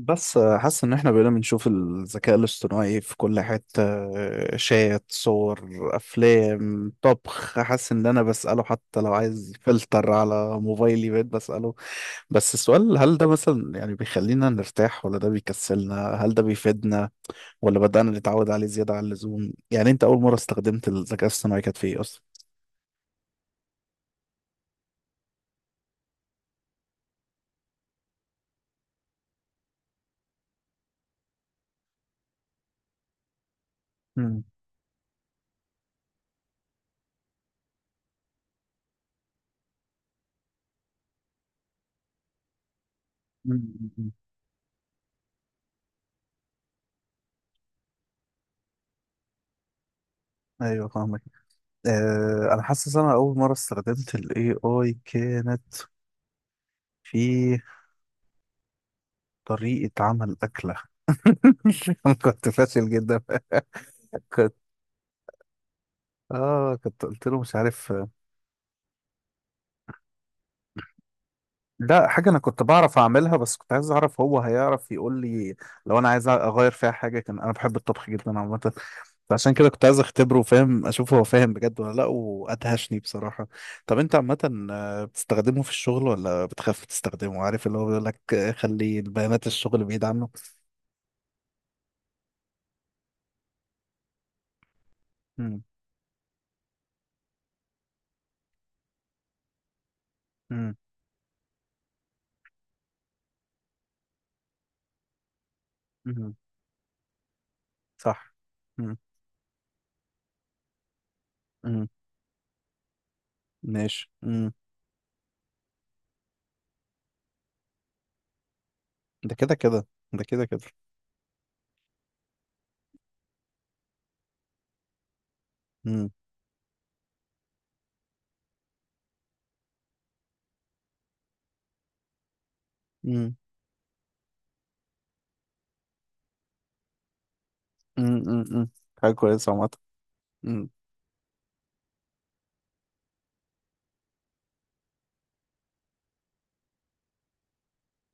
بس آه، حاسس ان احنا بقينا بنشوف الذكاء الاصطناعي في كل حتة. شات، صور، افلام طبخ. حاسس ان انا بسأله، حتى لو عايز فلتر على موبايلي بقيت بسأله. بس السؤال، هل ده مثلا يعني بيخلينا نرتاح ولا ده بيكسلنا؟ هل ده بيفيدنا ولا بدأنا نتعود عليه زيادة عن اللزوم؟ يعني انت اول مرة استخدمت الذكاء الاصطناعي كانت في ايه اصلا؟ مم. مم. مم. ايوه، فاهمك. انا حاسس انا اول مره استخدمت الاي اي كانت في طريقة عمل أكلة. أنا كنت فاشل جدا. كنت كنت قلت له مش عارف. لا، حاجة أنا كنت بعرف أعملها، بس كنت عايز أعرف هو هيعرف يقول لي لو أنا عايز أغير فيها حاجة. كان أنا بحب الطبخ جدا عامة، فعشان كده كنت عايز أختبره وفاهم أشوف هو فاهم بجد ولا لأ، وأدهشني بصراحة. طب أنت عامة، بتستخدمه في الشغل ولا بتخاف تستخدمه؟ عارف اللي هو بيقول لك، خلي البيانات الشغل بعيد عنه. مم. مم. مم. صح. مم. مم. ماشي. مم. ده كده كده ده كده كده. امم. امم. امم. امم. أمم. حاجة كويسة عامة. امم.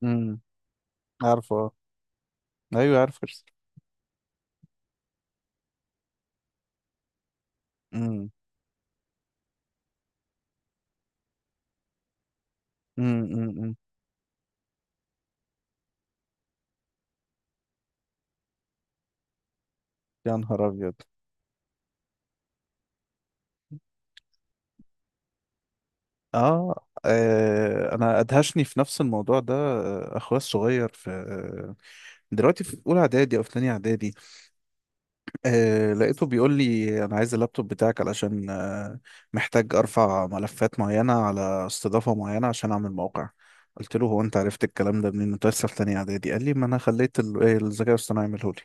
امم. عارفه، آه. ايوه، عارفه. امم. امم. أمم، أمم. يا نهار ابيض. آه. اه، انا ادهشني في نفس الموضوع ده. اخويا الصغير في دلوقتي في اولى اعدادي او في تانية اعدادي. لقيته بيقول لي انا عايز اللابتوب بتاعك علشان محتاج ارفع ملفات معينه على استضافه معينه عشان اعمل موقع. قلت له، هو انت عرفت الكلام ده منين؟ انت لسه في تانية اعدادي. قال لي، ما انا خليت ال- إيه، الذكاء الاصطناعي يعمله لي.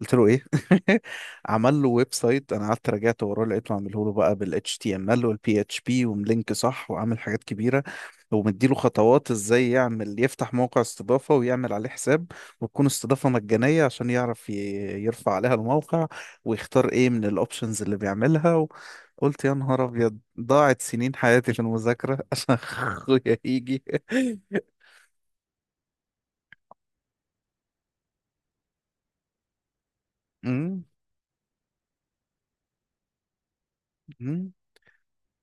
قلت له ايه؟ عمل له ويب سايت. انا قعدت راجعت وراه، لقيته عامله له بقى بال HTML وال PHP وملينك صح، وعامل حاجات كبيره، ومديله خطوات ازاي يعمل، يفتح موقع استضافه ويعمل عليه حساب، وتكون استضافة مجانية عشان يعرف يرفع عليها الموقع، ويختار ايه من الاوبشنز اللي بيعملها. وقلت يا نهار ابيض، ضاعت سنين حياتي في المذاكرة، عشان اخويا يجي. امم. امم.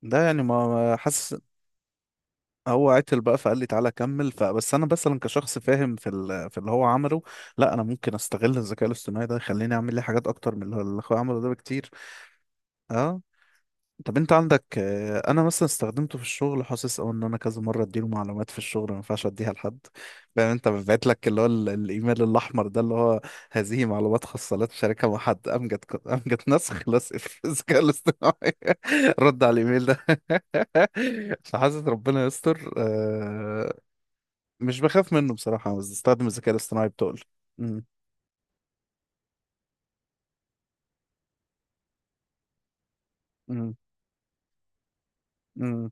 ده يعني ما حاسس هو عتل بقى، فقال لي تعالى كمل. فبس انا مثلا كشخص فاهم في اللي هو عمله، لا انا ممكن استغل الذكاء الاصطناعي ده يخليني اعمل لي حاجات اكتر من اللي اخويا عمله ده بكتير. اه. طب انت عندك، انا مثلا استخدمته في الشغل، حاسس او ان انا كذا مره اديله معلومات في الشغل ما ينفعش اديها لحد. فاهم، انت ببعت لك اللي هو الايميل الاحمر ده، اللي هو، هذه معلومات خاصه لا تشاركها مع حد. امجد نسخ لصق في الذكاء الاصطناعي. رد على الايميل ده. فحاسس ربنا يستر. مش بخاف منه بصراحه، بس استخدم الذكاء الاصطناعي بتقل. امم. امم.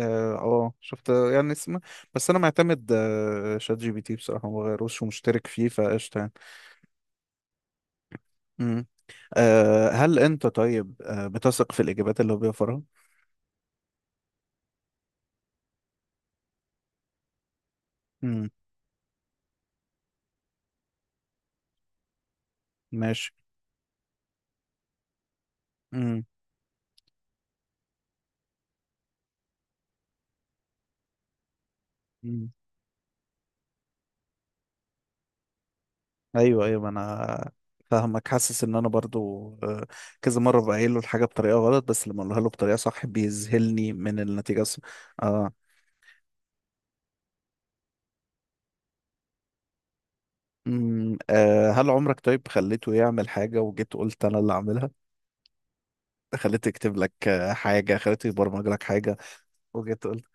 اه. شفت يعني اسم، بس انا معتمد شات جي بي تي بصراحه، ما بغيروش ومشترك فيه فقشطه يعني. مم. هل انت طيب، بتثق في الاجابات اللي هو بيوفرها؟ امم. ماشي. امم. امم. ايوه، ايوه. ما انا فاهمك. حاسس ان انا برضو، آه، كذا مره بقايل له الحاجه بطريقه غلط، بس لما اقولها له بطريقه صح بيذهلني من النتيجه. اه. امم. هل عمرك طيب خليته يعمل حاجه، وجيت قلت انا اللي اعملها؟ خليته يكتب لك حاجة، خليته يبرمج لك حاجة، وجيت قلت،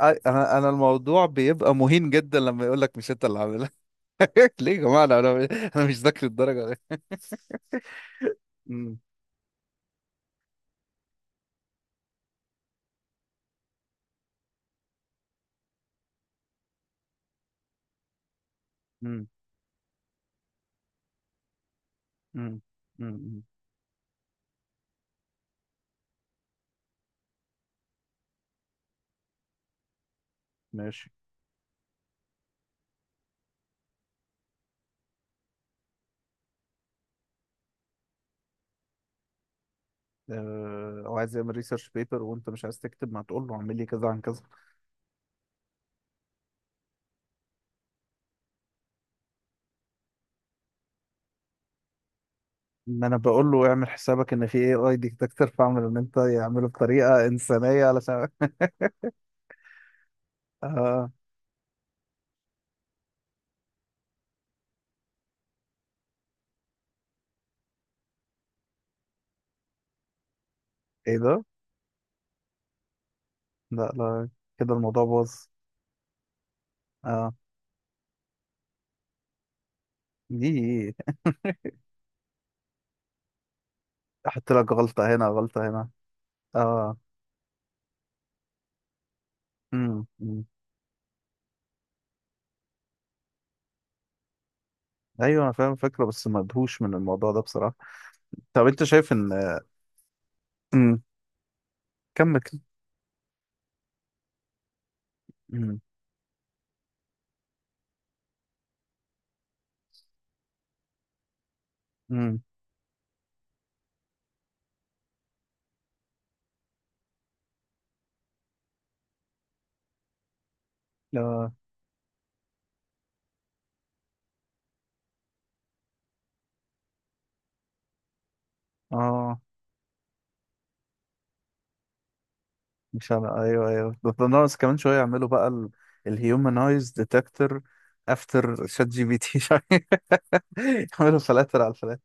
انا الموضوع بيبقى مهين جدا لما يقول لك مش انت اللي عاملها. ليه يا جماعة؟ انا انا أنا مش ذاكر الدرجة دي. امم. امم. امم. امم. ماشي. هو عايز يعمل ريسيرش بيبر وانت مش عايز تكتب، ما تقول له اعمل لي كذا عن كذا. ان انا بقول له، اعمل حسابك ان في اي اي ديتكتور، فاعمل ان انت يعمله بطريقه انسانيه علشان. آه. ايه ده؟ لا، لا كده الموضوع باظ. اه. دي. احط لك غلطة هنا، غلطة هنا. اه. امم. أمم. ايوه، انا فاهم الفكرة، بس مدهوش من الموضوع ده بصراحة. طب انت شايف ان. امم. كمل كده. امم. امم. اه. اه. مش انا. ايوه، ايوه. ده ناقص كمان شوية، يعملوا بقى الهيومنايز ديتكتور افتر شات جي بي تي. يعملوا فلاتر على الفلاتر.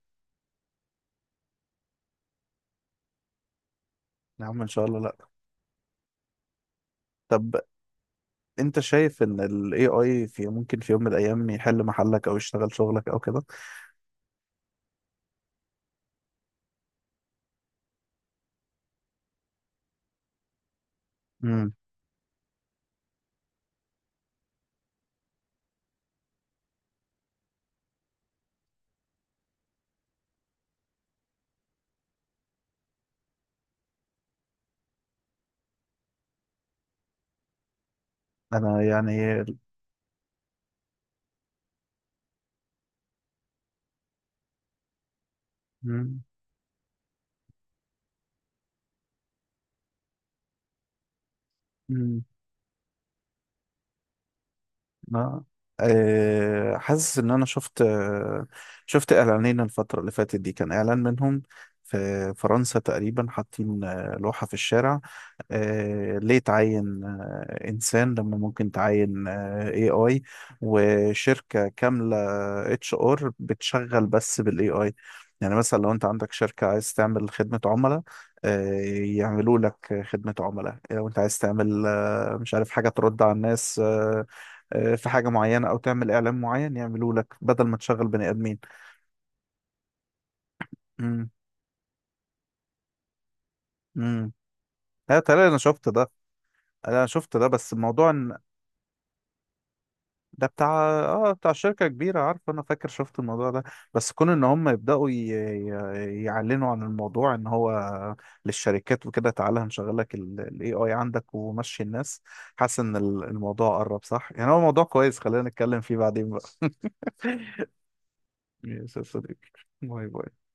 يا عم ان شاء الله لا. طب انت شايف ان الاي اي ممكن في يوم من الايام يحل محلك او يشتغل شغلك او كده؟ امم. انا يعني. مم. مم. آه. حاسس ان انا شفت، شفت اعلانين الفتره اللي فاتت دي، كان اعلان منهم في فرنسا تقريبا حاطين لوحه في الشارع، ليه تعين انسان لما ممكن تعين اي اي وشركه كامله اتش ار بتشغل بس بالاي اي؟ يعني مثلا لو انت عندك شركه عايز تعمل خدمه عملاء، آه، يعملوا لك خدمه عملاء. لو انت عايز تعمل مش عارف حاجه ترد على الناس، في حاجة معينة أو تعمل إعلان معين، يعملوه لك بدل ما تشغل بني آدمين. امم. امم. لا تقريبا أنا شفت ده بس الموضوع إن ده بتاع، بتاع شركة كبيرة. عارف، أنا فاكر شفت الموضوع ده. بس كون إن هم يبدأوا يعلنوا عن الموضوع إن هو للشركات وكده، تعالى هنشغل لك ال AI عندك ومشي الناس. حاسس إن الموضوع قرب صح؟ يعني هو موضوع كويس، خلينا نتكلم فيه بعدين بقى. ماشي يا صديقي. باي باي.